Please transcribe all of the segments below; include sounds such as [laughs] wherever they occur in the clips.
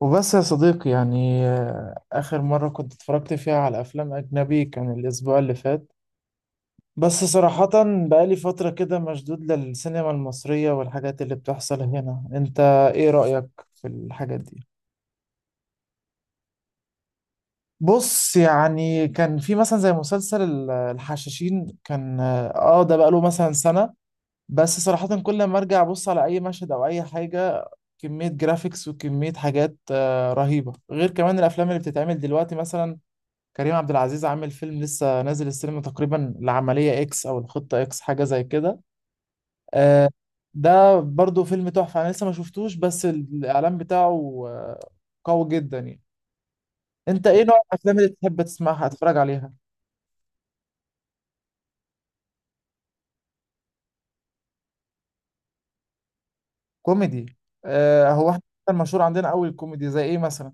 وبس يا صديقي آخر مرة كنت اتفرجت فيها على أفلام أجنبي كان الأسبوع اللي فات. بس صراحة بقالي فترة كده مشدود للسينما المصرية والحاجات اللي بتحصل هنا. أنت إيه رأيك في الحاجات دي؟ بص يعني كان في مثلا زي مسلسل الحشاشين كان، آه ده بقاله مثلا سنة. بس صراحة كل ما أرجع أبص على أي مشهد أو أي حاجة، كمية جرافيكس وكمية حاجات رهيبة، غير كمان الأفلام اللي بتتعمل دلوقتي. مثلا كريم عبد العزيز عامل فيلم لسه نازل السينما تقريبا، العملية اكس او الخطة اكس حاجة زي كده. آه، ده برضو فيلم تحفة، انا لسه ما شفتوش، بس الاعلان بتاعه قوي جدا يعني. انت ايه نوع الافلام اللي بتحب تسمعها تتفرج عليها؟ كوميدي، هو احنا مشهور عندنا قوي الكوميدي، زي ايه مثلا؟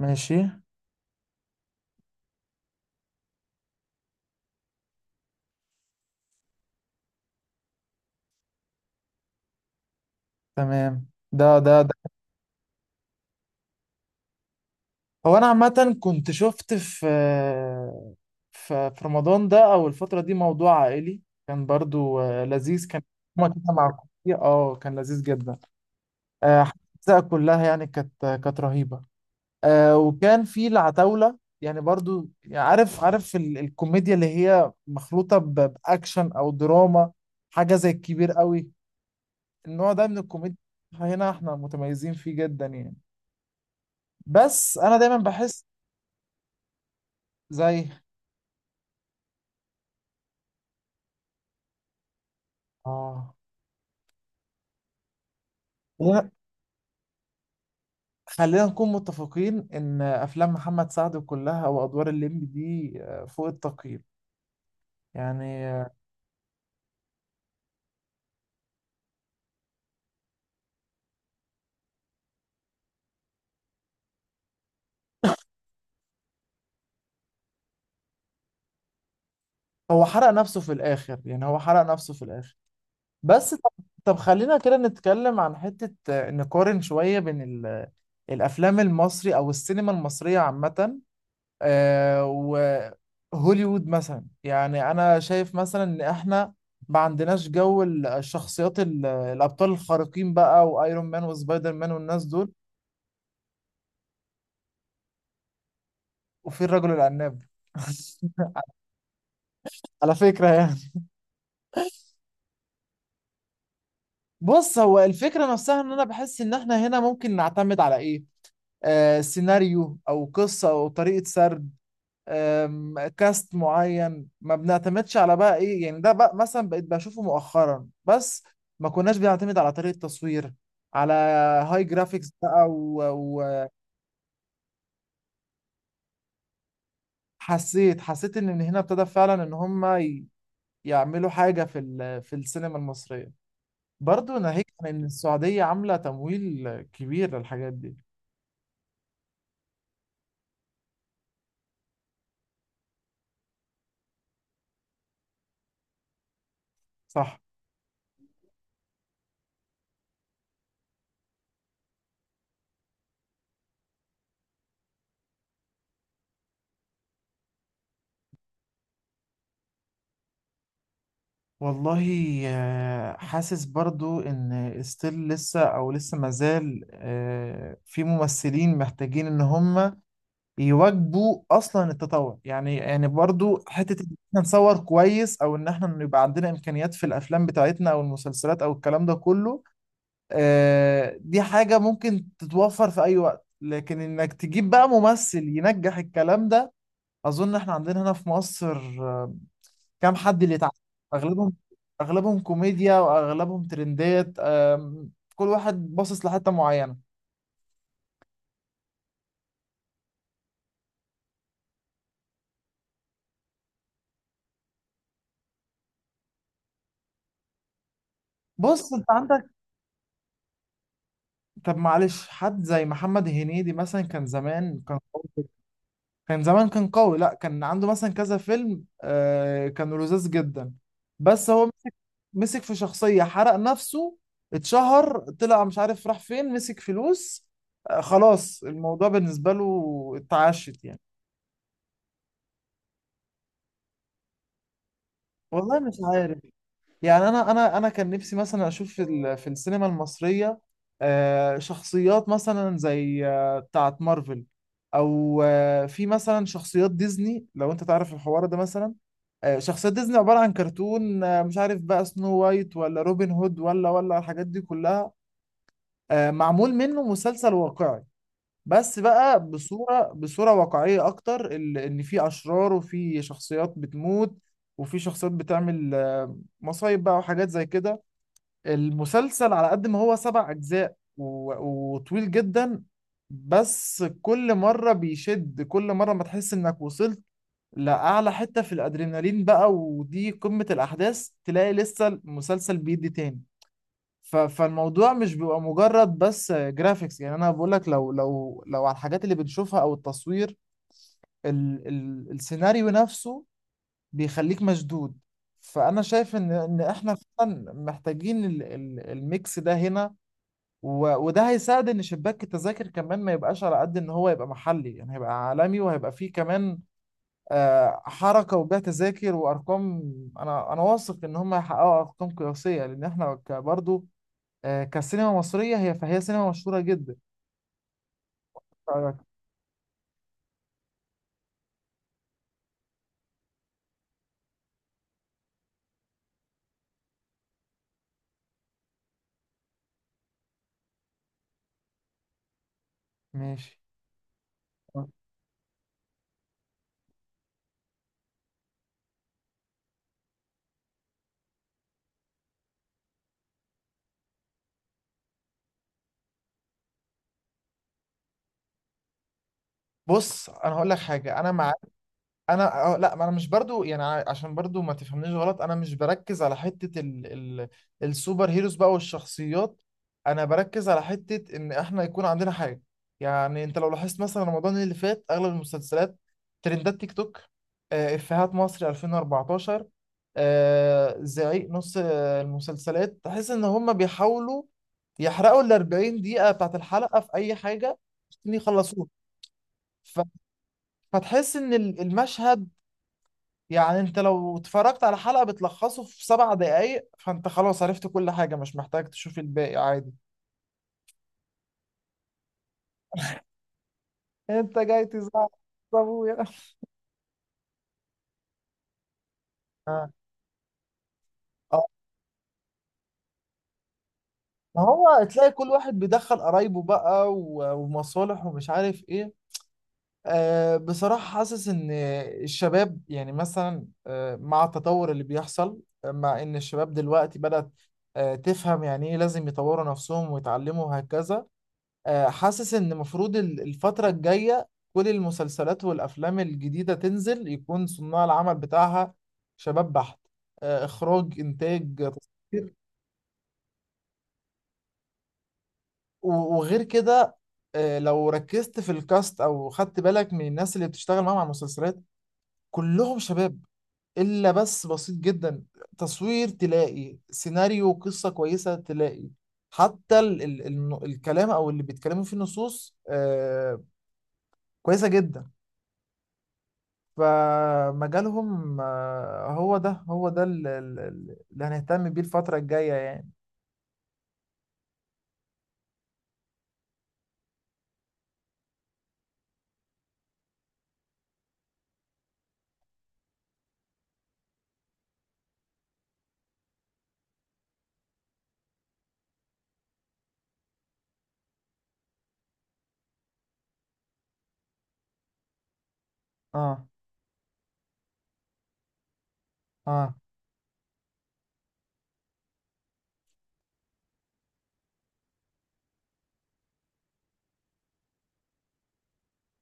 ماشي. تمام. ده. هو انا عامة كنت شفت في، ففي رمضان ده او الفتره دي، موضوع عائلي، كان برضو لذيذ كان. هما كده مع كوفي، اه كان لذيذ جدا. آه، الاجزاء كلها يعني كانت رهيبه. وكان في العتاوله يعني، برضو يعني، عارف الكوميديا اللي هي مخلوطه باكشن او دراما، حاجه زي الكبير قوي. النوع ده من الكوميديا هنا احنا متميزين فيه جدا يعني. بس انا دايما بحس زي اه، خلينا نكون متفقين ان افلام محمد سعد كلها او ادوار الليمبي دي فوق التقييم يعني. هو حرق نفسه في الاخر، يعني هو حرق نفسه في الاخر. بس طب، طب خلينا كده نتكلم عن حتة، نقارن شوية بين الافلام المصري او السينما المصرية عامة، آه، وهوليوود مثلا. يعني انا شايف مثلا ان احنا ما عندناش جو الشخصيات، الابطال الخارقين بقى، وايرون مان وسبايدر مان والناس دول، وفي الرجل العناب. [laughs] على فكرة يعني. بص، هو الفكرة نفسها ان انا بحس ان احنا هنا ممكن نعتمد على ايه؟ آه سيناريو او قصة او طريقة سرد، كاست معين. ما بنعتمدش على بقى ايه يعني ده بقى مثلا بقيت بشوفه مؤخرا، بس ما كناش بنعتمد على طريقة تصوير، على هاي جرافيكس بقى وحسيت، حسيت ان من هنا ابتدى فعلا ان هم يعملوا حاجة في في السينما المصرية. برضه ناهيك عن ان السعودية عاملة تمويل كبير للحاجات دي. صح. والله، حاسس برضو ان ستيل لسه، او لسه مازال في ممثلين محتاجين ان هم يواجبوا اصلا التطور، يعني يعني برضو حتة ان احنا نصور كويس، او ان احنا يبقى عندنا امكانيات في الافلام بتاعتنا او المسلسلات او الكلام ده كله. دي حاجة ممكن تتوفر في اي وقت، لكن انك تجيب بقى ممثل ينجح الكلام ده، اظن احنا عندنا هنا في مصر آه، كام حد اللي تع... اغلبهم، اغلبهم كوميديا واغلبهم ترندات. كل واحد باصص لحته معينه. بص انت عندك، طب معلش حد زي محمد هنيدي مثلا كان زمان كان قوي. كان زمان كان قوي. لا كان عنده مثلا كذا فيلم كانوا لذاذ جدا، بس هو مسك، مسك في شخصيه، حرق نفسه، اتشهر، طلع مش عارف راح فين، مسك فلوس، خلاص الموضوع بالنسبه له اتعشت يعني. والله مش عارف، يعني انا كان نفسي مثلا اشوف في في السينما المصريه شخصيات مثلا زي بتاعه مارفل، او في مثلا شخصيات ديزني. لو انت تعرف الحوار ده مثلا، شخصيات ديزني عباره عن كرتون، مش عارف بقى سنو وايت ولا روبن هود ولا الحاجات دي كلها، معمول منه مسلسل واقعي، بس بقى بصورة واقعية أكتر، إن في أشرار وفي شخصيات بتموت، وفي شخصيات بتعمل مصايب بقى وحاجات زي كده. المسلسل على قد ما هو سبع أجزاء وطويل جدا، بس كل مرة بيشد. كل مرة ما تحس إنك وصلت لأعلى حتة في الأدرينالين بقى ودي قمة الأحداث، تلاقي لسه المسلسل بيدي تاني. فالموضوع مش بيبقى مجرد بس جرافيكس، يعني انا بقول لك لو لو على الحاجات اللي بنشوفها او التصوير، ال السيناريو نفسه بيخليك مشدود. فانا شايف ان احنا فعلا محتاجين ال الميكس ده هنا، وده هيساعد ان شباك التذاكر كمان ما يبقاش على قد ان هو يبقى محلي، يعني هيبقى عالمي وهيبقى فيه كمان حركة وبيع تذاكر وارقام. انا واثق ان هم هيحققوا ارقام قياسية، لان احنا برضه كسينما مصرية هي، فهي سينما مشهورة جدا. رأيك؟ ماشي. بص انا هقول لك حاجة، انا مع، انا لا، ما انا مش برضو يعني عشان برضو ما تفهمنيش غلط، انا مش بركز على حتة ال السوبر هيروز بقى والشخصيات، انا بركز على حتة ان احنا يكون عندنا حاجة. يعني انت لو لاحظت مثلا رمضان اللي فات اغلب المسلسلات ترندات تيك توك، افيهات مصر 2014، زعيق، نص المسلسلات تحس ان هم بيحاولوا يحرقوا ال 40 دقيقة بتاعت الحلقة في اي حاجة عشان يخلصوها. ف- فتحس ان المشهد، يعني انت لو اتفرجت على حلقة بتلخصه في سبع دقايق، فانت خلاص عرفت كل حاجة، مش محتاج تشوف الباقي عادي. انت جاي تزعق [laughs] ابويا. اه. اه. ما هو تلاقي كل واحد بيدخل قرايبه بقى ومصالح ومش عارف ايه. أه بصراحة حاسس ان الشباب، يعني مثلا أه مع التطور اللي بيحصل، مع ان الشباب دلوقتي بدأت أه تفهم يعني ايه لازم يطوروا نفسهم ويتعلموا وهكذا، حاسس ان المفروض الفترة الجاية كل المسلسلات والافلام الجديدة تنزل يكون صناع العمل بتاعها شباب بحت، اخراج انتاج تصوير. وغير كده لو ركزت في الكاست او خدت بالك من الناس اللي بتشتغل معاهم على المسلسلات كلهم شباب، الا بس بسيط جدا. تصوير تلاقي، سيناريو قصة كويسة تلاقي، حتى ال الكلام او اللي بيتكلموا فيه النصوص كويسة جدا. فمجالهم هو ده اللي هنهتم بيه الفترة الجاية يعني. اه. اه.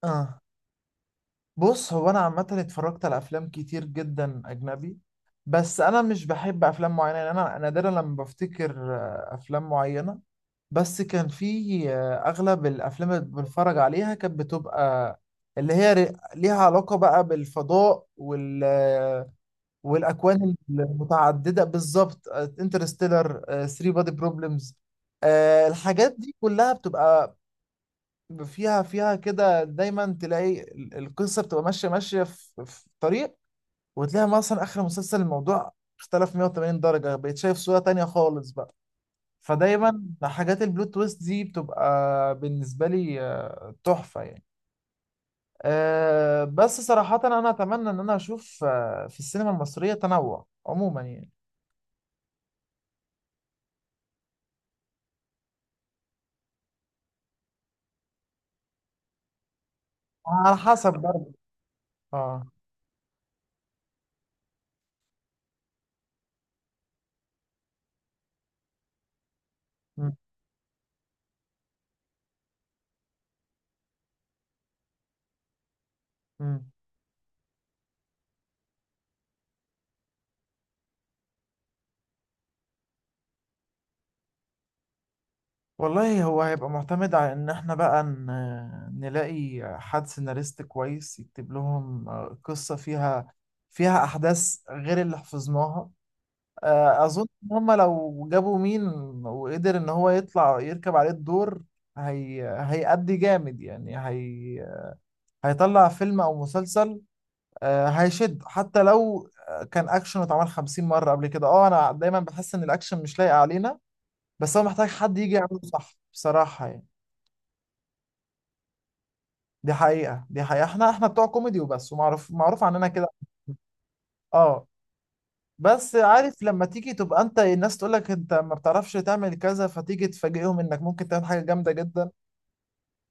اه، بص هو انا عامة اتفرجت على افلام كتير جدا اجنبي، بس انا مش بحب افلام معينة، يعني انا نادرا لما بفتكر افلام معينة. بس كان في اغلب الافلام اللي بنتفرج عليها كانت بتبقى اللي هي ليها علاقة بقى بالفضاء وال والاكوان المتعدده بالظبط. انترستيلر، 3 بادي بروبلمز، الحاجات دي كلها بتبقى فيها كده. دايما تلاقي القصه بتبقى ماشيه في في طريق، وتلاقي مثلا اخر مسلسل الموضوع اختلف 180 درجه، بقيت شايف صوره تانية خالص بقى. فدايما حاجات البلوت تويست دي بتبقى بالنسبه لي تحفه يعني. بس صراحه انا اتمنى ان انا اشوف في السينما المصريه تنوع عموما يعني. على حسب. اه. مم. مم. والله هو هيبقى معتمد على ان احنا بقى نلاقي حد سيناريست كويس يكتب لهم قصة فيها، فيها احداث غير اللي حفظناها. اظن ان هم لو جابوا مين وقدر ان هو يطلع يركب عليه الدور، هيأدي جامد يعني. هيطلع فيلم او مسلسل هيشد حتى لو كان اكشن اتعمل 50 مرة قبل كده. اه انا دايما بحس ان الاكشن مش لايق علينا، بس هو محتاج حد يجي يعمله صح بصراحة يعني. دي حقيقة. دي حقيقة. احنا، احنا بتوع كوميدي وبس، ومعروف، معروف عننا كده. اه. بس عارف لما تيجي تبقى انت، الناس تقول لك انت ما بتعرفش تعمل كذا، فتيجي تفاجئهم انك ممكن تعمل حاجة جامدة جدا.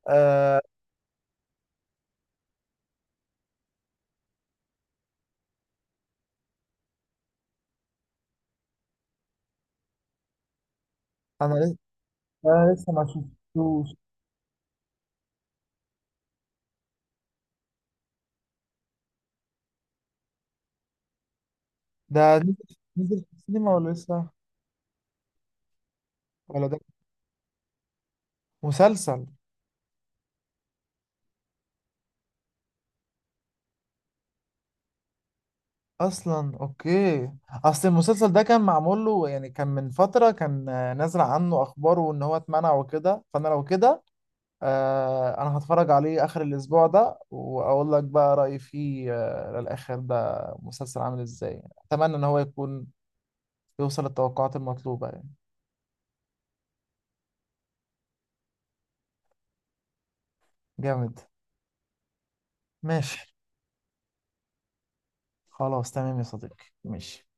آه. انا لسه، انا لسه ما شفتوش. ده نزل، نزل في السينما ولا لسه، ولا ده مسلسل؟ اصلا اوكي، اصل المسلسل ده كان معمول له، يعني كان من فترة كان نازل عنه اخباره ان هو اتمنع وكده، فانا لو كده آه انا هتفرج عليه اخر الاسبوع ده واقول لك بقى رايي فيه. آه للاخر ده مسلسل عامل ازاي، اتمنى ان هو يكون يوصل للتوقعات المطلوبه يعني. جامد. ماشي. خلاص تمام يا صديقي، ماشي.